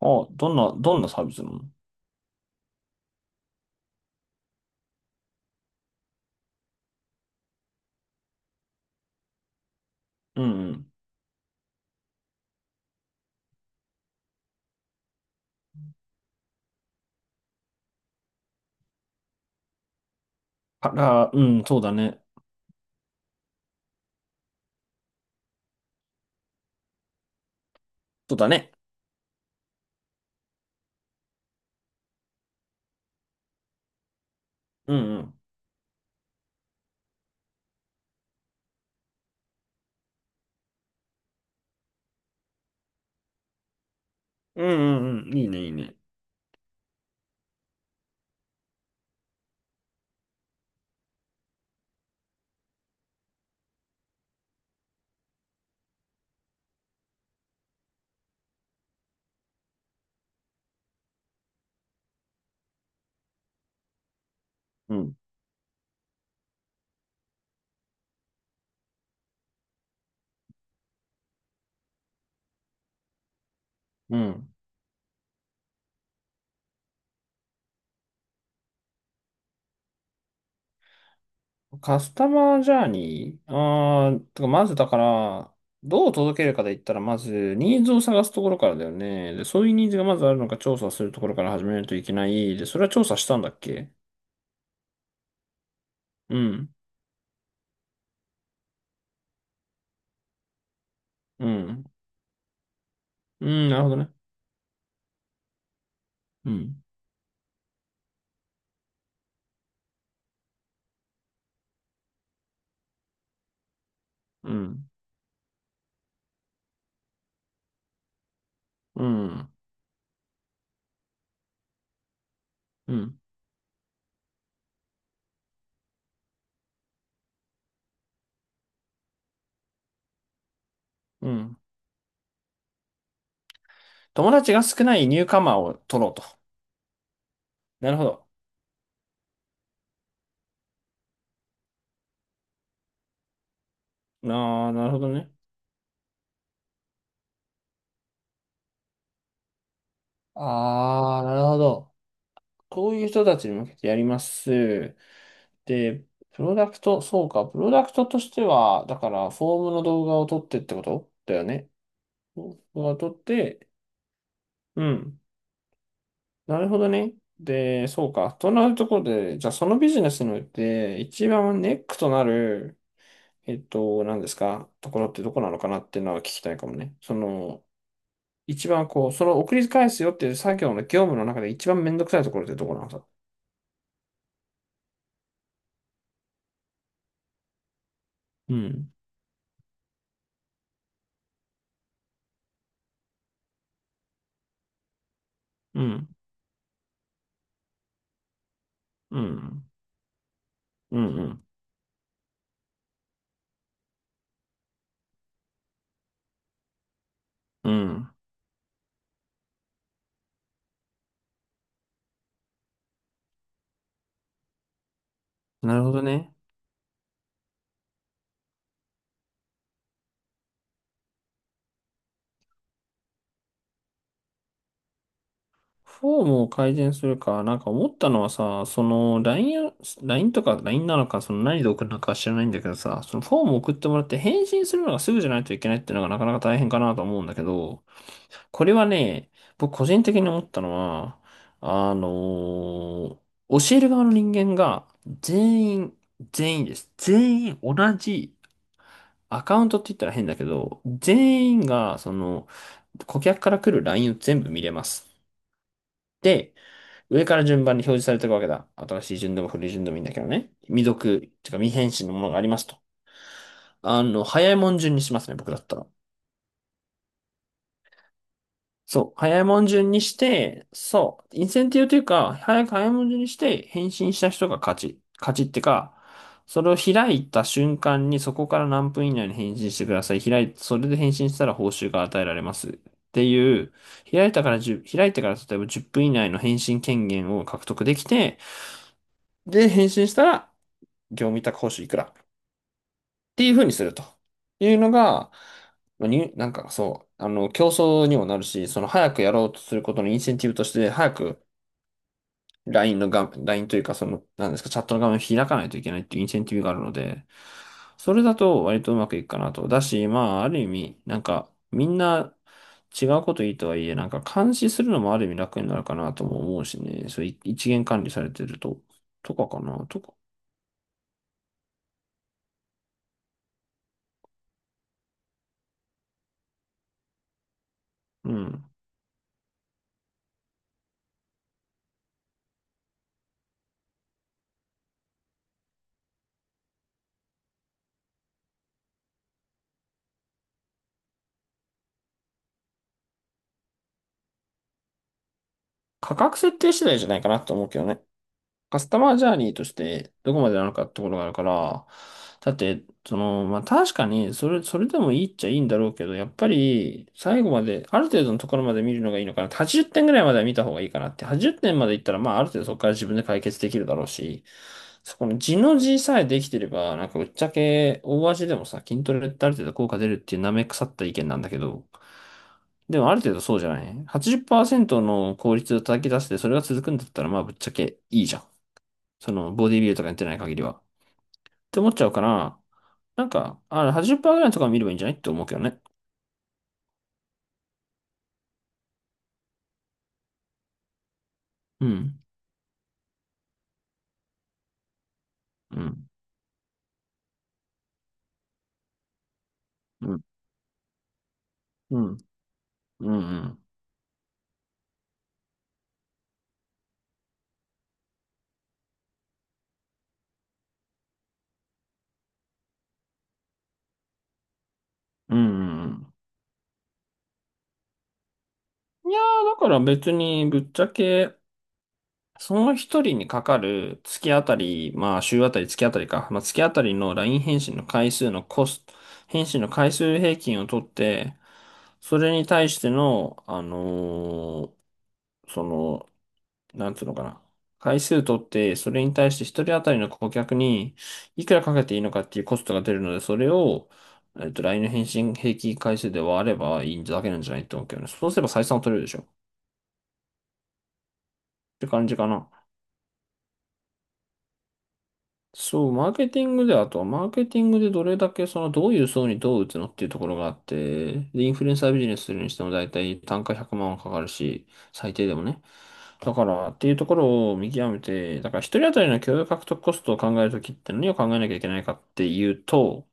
あ、どんなサービスなの？うんうん。あら、うん、そうだね。そうだね。うんうん。うんうんうん。いいね、いいね。うん。うん。カスタマージャーニーとか、まずだから、どう届けるかで言ったら、まず、ニーズを探すところからだよね。で、そういうニーズがまずあるのか調査するところから始めないといけない。で、それは調査したんだっけ？うん。うん。うん、なるほどね。うん。うん。うん。うん。うん。友達が少ないニューカマーを取ろうと。なるほど。ああ、なるほどね。ああ、なるほど。こういう人たちに向けてやります。で、プロダクト、そうか、プロダクトとしては、だから、フォームの動画を撮ってってことだよね。動画を撮って、うん。なるほどね。で、そうか。となるところで、じゃあそのビジネスにおいて、一番ネックとなる、何ですか、ところってどこなのかなっていうのは聞きたいかもね。その、一番こう、その送り返すよっていう作業の業務の中で一番めんどくさいところってどこなの？うん、うん、うん、うん、うん、うん。なるほどね。フォームを改善するか、なんか思ったのはさ、その LINE を、l とか LINE なのか、その何で送るのかは知らないんだけどさ、そのフォームを送ってもらって返信するのがすぐじゃないといけないっていうのがなかなか大変かなと思うんだけど、これはね、僕個人的に思ったのは、あの教える側の人間が全員、全員です。全員同じアカウントって言ったら変だけど、全員が、その、顧客から来る LINE を全部見れます。で、上から順番に表示されていくわけだ。新しい順でも古い順でもいいんだけどね。未読、てか未返信のものがありますと。早いもん順にしますね、僕だったら。そう、早いもん順にして、そう、インセンティブというか、早く早いもん順にして返信した人が勝ち。勝ちってか、それを開いた瞬間にそこから何分以内に返信してください。それで返信したら報酬が与えられます。っていう、開いたから1開いてから例えば10分以内の返信権限を獲得できて、で、返信したら、業務委託報酬いくらっていうふうにするというのが、まあに、なんかそう、競争にもなるし、その早くやろうとすることのインセンティブとして、早く LINE の画面、LINE というか、その、なんですか、チャットの画面を開かないといけないっていうインセンティブがあるので、それだと割とうまくいくかなと。だし、まあ、ある意味、なんか、みんな違うこといいとはいえ、なんか監視するのもある意味楽になるかなとも思うしね、そうい一元管理されてると、とかかな、とか。うん。価格設定次第じゃないかなと思うけどね。カスタマージャーニーとしてどこまでなのかってことがあるから、だって、その、まあ、確かに、それでもいいっちゃいいんだろうけど、やっぱり、最後まで、ある程度のところまで見るのがいいのかなって。80点ぐらいまでは見た方がいいかなって。80点までいったら、まあ、ある程度そこから自分で解決できるだろうし、そこの地の字さえできてれば、なんか、ぶっちゃけ、大味でもさ、筋トレってある程度効果出るっていう舐め腐った意見なんだけど、でもある程度そうじゃない ?80% の効率を叩き出して、それが続くんだったら、まあ、ぶっちゃけいいじゃん。その、ボディビルとかやってない限りは。って思っちゃうから、なんか、あ、80%ぐらいのところ見ればいいんじゃないって思うけどね。うん。うん。うん。うん。うん。うん。うんうん。いやー、だから別に、ぶっちゃけ、その一人にかかる月あたり、まあ週あたり月あたりか、まあ月あたりの LINE 返信の回数のコスト、返信の回数平均を取って、それに対しての、その、なんつうのかな。回数取って、それに対して一人当たりの顧客にいくらかけていいのかっていうコストが出るので、それを、LINE の返信平均回数で割ればいいだけなんじゃないと思うけどね。そうすれば採算を取れるでしょって感じかな。そう、マーケティングで、あとはマーケティングでどれだけそのどういう層にどう打つのっていうところがあって、で、インフルエンサービジネスするにしても大体単価100万はかかるし、最低でもね。だからっていうところを見極めて、だから一人当たりの共有獲得コストを考えるときって何を考えなきゃいけないかっていうと、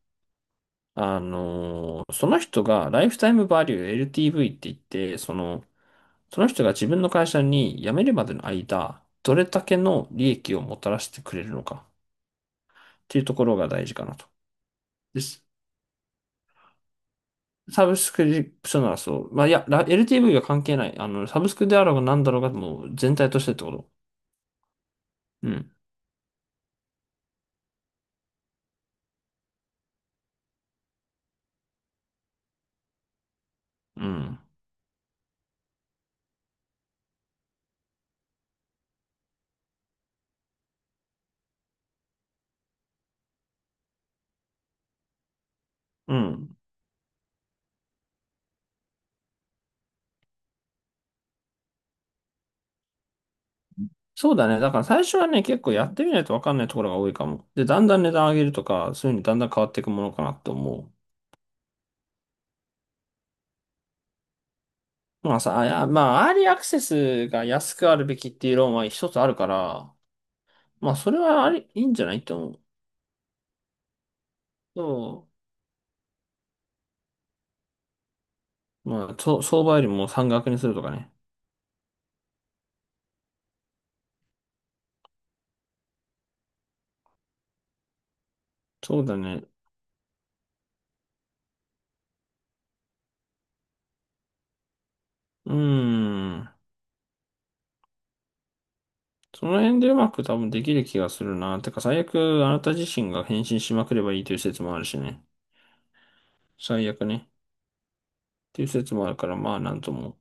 その人がライフタイムバリュー LTV って言って、その人が自分の会社に辞めるまでの間、どれだけの利益をもたらしてくれるのかっていうところが大事かなと。です。サブスクリプションならそう。まあ、いや、LTV は関係ない。サブスクであろうが何だろうが、もう全体としてってこと。うん。うん。うん。そうだね。だから最初はね、結構やってみないと分かんないところが多いかも。で、だんだん値段上げるとか、そういうのにだんだん変わっていくものかなと思う。まあさ、まあ、アーリーアクセスが安くあるべきっていう論は一つあるから、まあ、それはあり、いいんじゃないと思う。そう。まあ、相場よりも山額にするとかね。そうだね。うーん。その辺でうまく多分できる気がするな。てか最悪あなた自身が返信しまくればいいという説もあるしね。最悪ね。っていう説もあるからまあなんとも。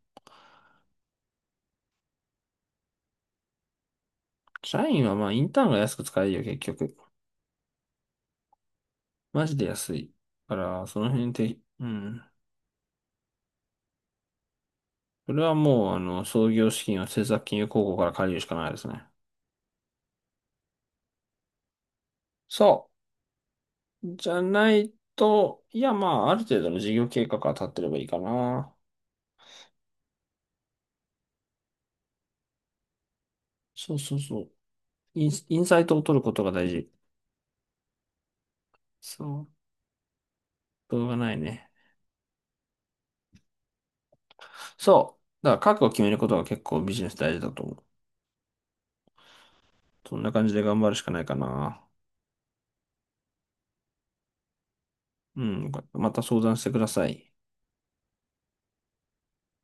社員はまあインターンが安く使えるよ結局。マジで安い。だからその辺で、うん。それはもう創業資金を政策金融公庫から借りるしかないですね。そう。じゃないと、いやまあある程度の事業計画が立ってればいいかな。そうそうそう。インサイトを取ることが大事。そう。動画ないね。そう。だから覚悟を決めることが結構ビジネス大事だと思う。そんな感じで頑張るしかないかな。うん。また相談してください。